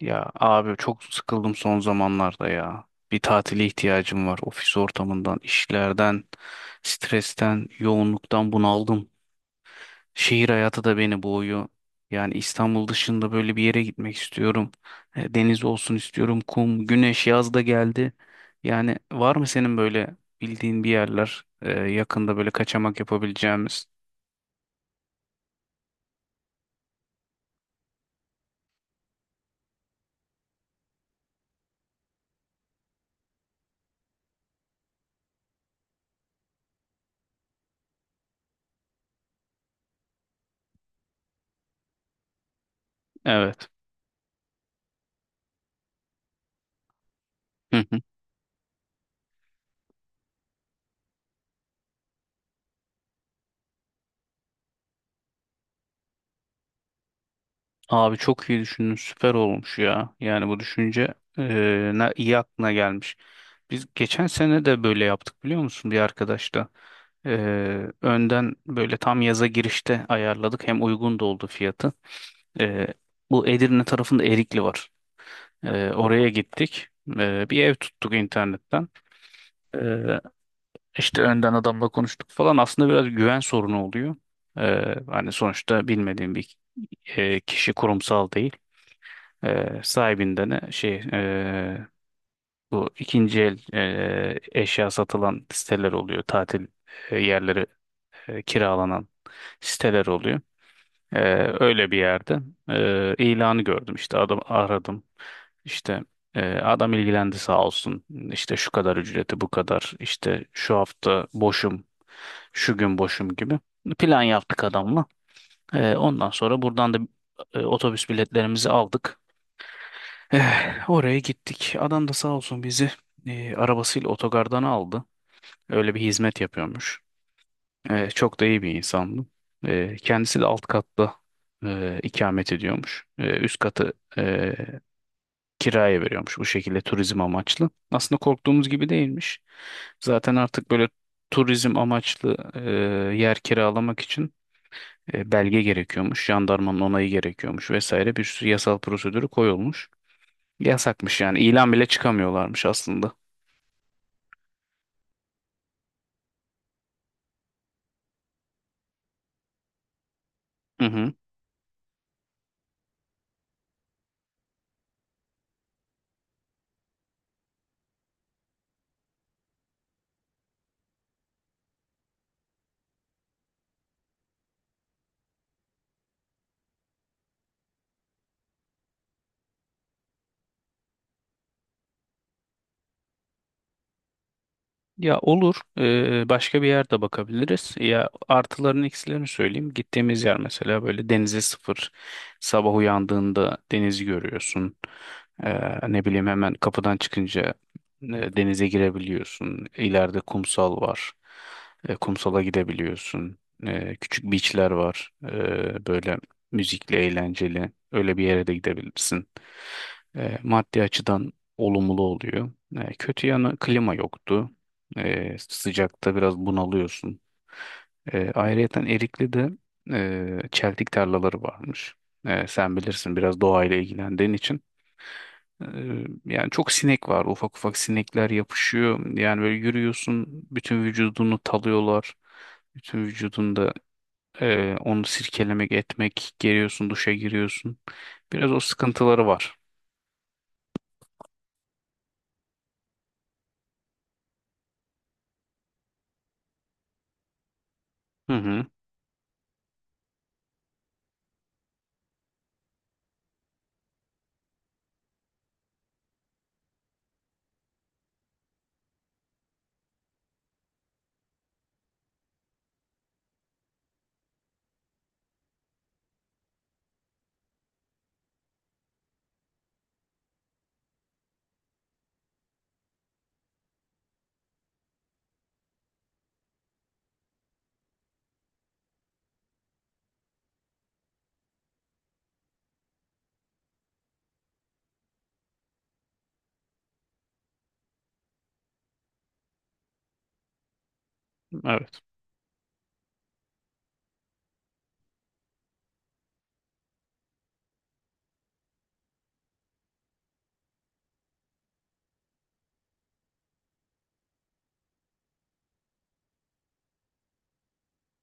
Ya abi çok sıkıldım son zamanlarda ya. Bir tatile ihtiyacım var. Ofis ortamından, işlerden, stresten, yoğunluktan bunaldım. Şehir hayatı da beni boğuyor. Yani İstanbul dışında böyle bir yere gitmek istiyorum. Deniz olsun istiyorum, kum, güneş, yaz da geldi. Yani var mı senin böyle bildiğin bir yerler yakında böyle kaçamak yapabileceğimiz? Evet. Abi çok iyi düşündün. Süper olmuş ya. Yani bu düşünce ne iyi aklına gelmiş. Biz geçen sene de böyle yaptık biliyor musun bir arkadaşla. Önden böyle tam yaza girişte ayarladık. Hem uygun da oldu fiyatı. Eee, Bu Edirne tarafında Erikli var. Oraya gittik. Bir ev tuttuk internetten. Eee işte önden adamla konuştuk falan. Aslında biraz güven sorunu oluyor. Hani sonuçta bilmediğim bir kişi kurumsal değil. Sahibinden de bu ikinci el eşya satılan siteler oluyor. Tatil yerleri kiralanan siteler oluyor. Ee, Öyle bir yerde ilanı gördüm işte adam aradım. İşte adam ilgilendi sağ olsun. İşte şu kadar ücreti bu kadar. İşte şu hafta boşum. Şu gün boşum gibi. Plan yaptık adamla. Ondan sonra buradan da otobüs biletlerimizi aldık. Oraya gittik. Adam da sağ olsun bizi arabasıyla otogardan aldı. Öyle bir hizmet yapıyormuş. Çok da iyi bir insandı. Kendisi de alt katta ikamet ediyormuş. Üst katı kiraya veriyormuş bu şekilde turizm amaçlı. Aslında korktuğumuz gibi değilmiş. Zaten artık böyle turizm amaçlı yer kiralamak için belge gerekiyormuş. Jandarmanın onayı gerekiyormuş vesaire bir sürü yasal prosedürü koyulmuş. Yasakmış yani. İlan bile çıkamıyorlarmış aslında. Hı hı. Ya olur. Başka bir yerde bakabiliriz. Ya artılarını eksilerini söyleyeyim. Gittiğimiz yer mesela böyle denize sıfır. Sabah uyandığında denizi görüyorsun. Ne bileyim hemen kapıdan çıkınca denize girebiliyorsun. İleride kumsal var. Kumsala gidebiliyorsun. Küçük beachler var. Böyle müzikli, eğlenceli. Öyle bir yere de gidebilirsin. Maddi açıdan olumlu oluyor. Kötü yanı klima yoktu. Sıcakta biraz bunalıyorsun. Ayrıyeten Erikli'de çeltik tarlaları varmış. Sen bilirsin biraz doğayla ilgilendiğin için. E, Yani çok sinek var. Ufak ufak sinekler yapışıyor. Yani böyle yürüyorsun, bütün vücudunu talıyorlar. Bütün vücudunda onu sirkelemek, etmek, geliyorsun, duşa giriyorsun. Biraz o sıkıntıları var. Hı hı, evet.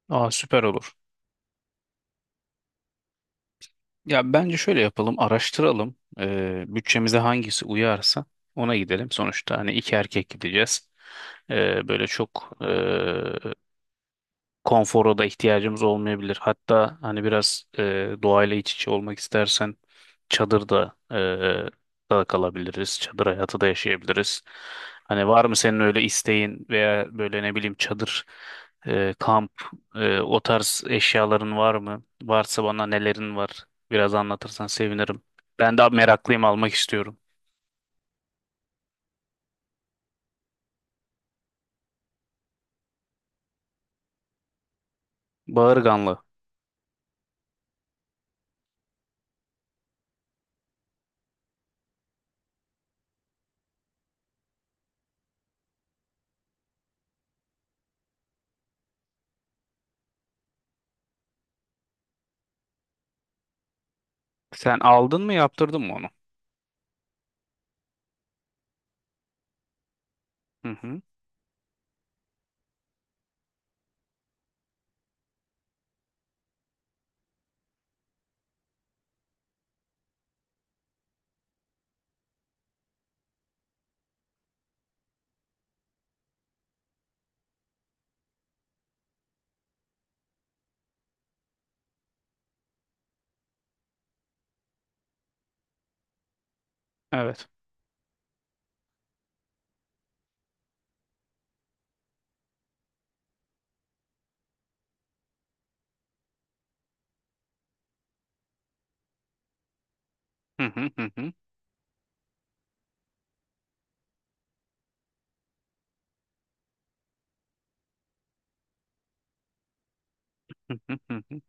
Aa süper olur. Ya bence şöyle yapalım, araştıralım. Bütçemize hangisi uyarsa ona gidelim. Sonuçta hani iki erkek gideceğiz. Böyle çok konfora da ihtiyacımız olmayabilir. Hatta hani biraz doğayla iç içe olmak istersen çadırda da kalabiliriz. Çadır hayatı da yaşayabiliriz. Hani var mı senin öyle isteğin veya böyle ne bileyim çadır, kamp, o tarz eşyaların var mı? Varsa bana nelerin var? Biraz anlatırsan sevinirim. Ben de meraklıyım almak istiyorum. Bağırganlı. Sen aldın mı yaptırdın mı onu? Hı hı. Evet. Hı hı, hı hı. Hı hı, hı hı.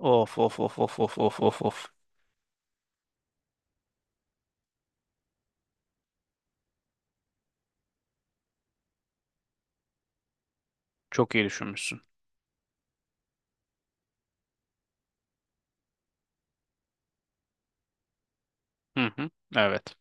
Of of of of of of of of. Çok iyi düşünmüşsün. Hı hı. Evet.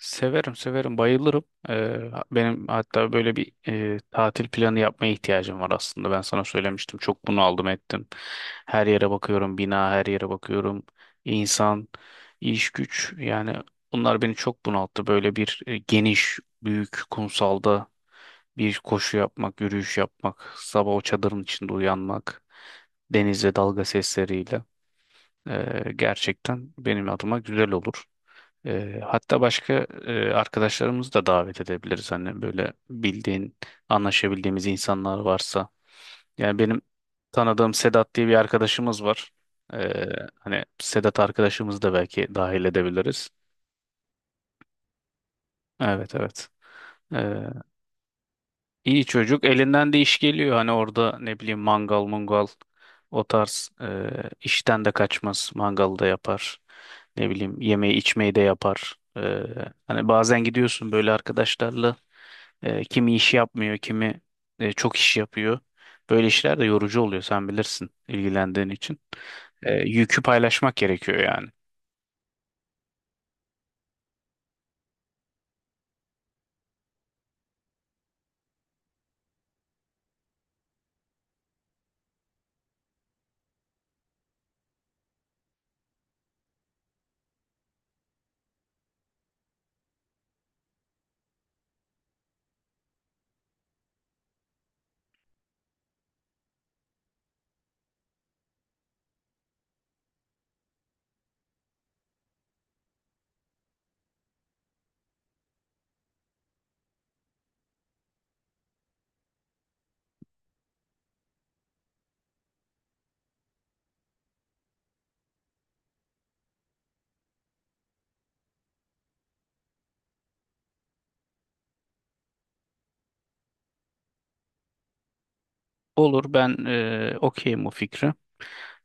Severim severim bayılırım. Benim hatta böyle bir tatil planı yapmaya ihtiyacım var aslında. Ben sana söylemiştim. Çok bunu aldım ettim. Her yere bakıyorum. Bina her yere bakıyorum. İnsan, iş güç yani bunlar beni çok bunalttı. Böyle bir geniş, büyük kumsalda bir koşu yapmak, yürüyüş yapmak, sabah o çadırın içinde uyanmak, denizle dalga sesleriyle. Gerçekten benim adıma güzel olur. Hatta başka arkadaşlarımızı da davet edebiliriz. Hani böyle bildiğin, anlaşabildiğimiz insanlar varsa. Yani benim tanıdığım Sedat diye bir arkadaşımız var. Ee, Hani Sedat arkadaşımızı da belki dahil edebiliriz. Evet, evet. İyi çocuk elinden de iş geliyor hani orada ne bileyim mangal mungal o tarz işten de kaçmaz mangalı da yapar ne bileyim yemeği içmeyi de yapar. Hani bazen gidiyorsun böyle arkadaşlarla kimi iş yapmıyor, kimi çok iş yapıyor. Böyle işler de yorucu oluyor sen bilirsin ilgilendiğin için. Yükü paylaşmak gerekiyor yani. Olur, ben okeyim o fikre.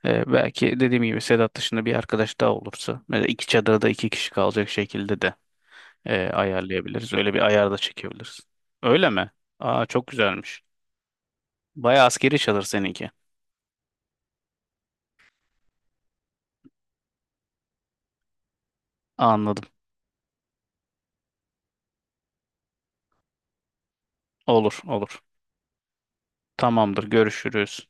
Belki dediğim gibi Sedat dışında bir arkadaş daha olursa mesela iki çadırda iki kişi kalacak şekilde de ayarlayabiliriz. Öyle bir ayar da çekebiliriz. Öyle mi? Aa çok güzelmiş. Bayağı askeri çadır seninki. Anladım. Olur, olur. Tamamdır, görüşürüz.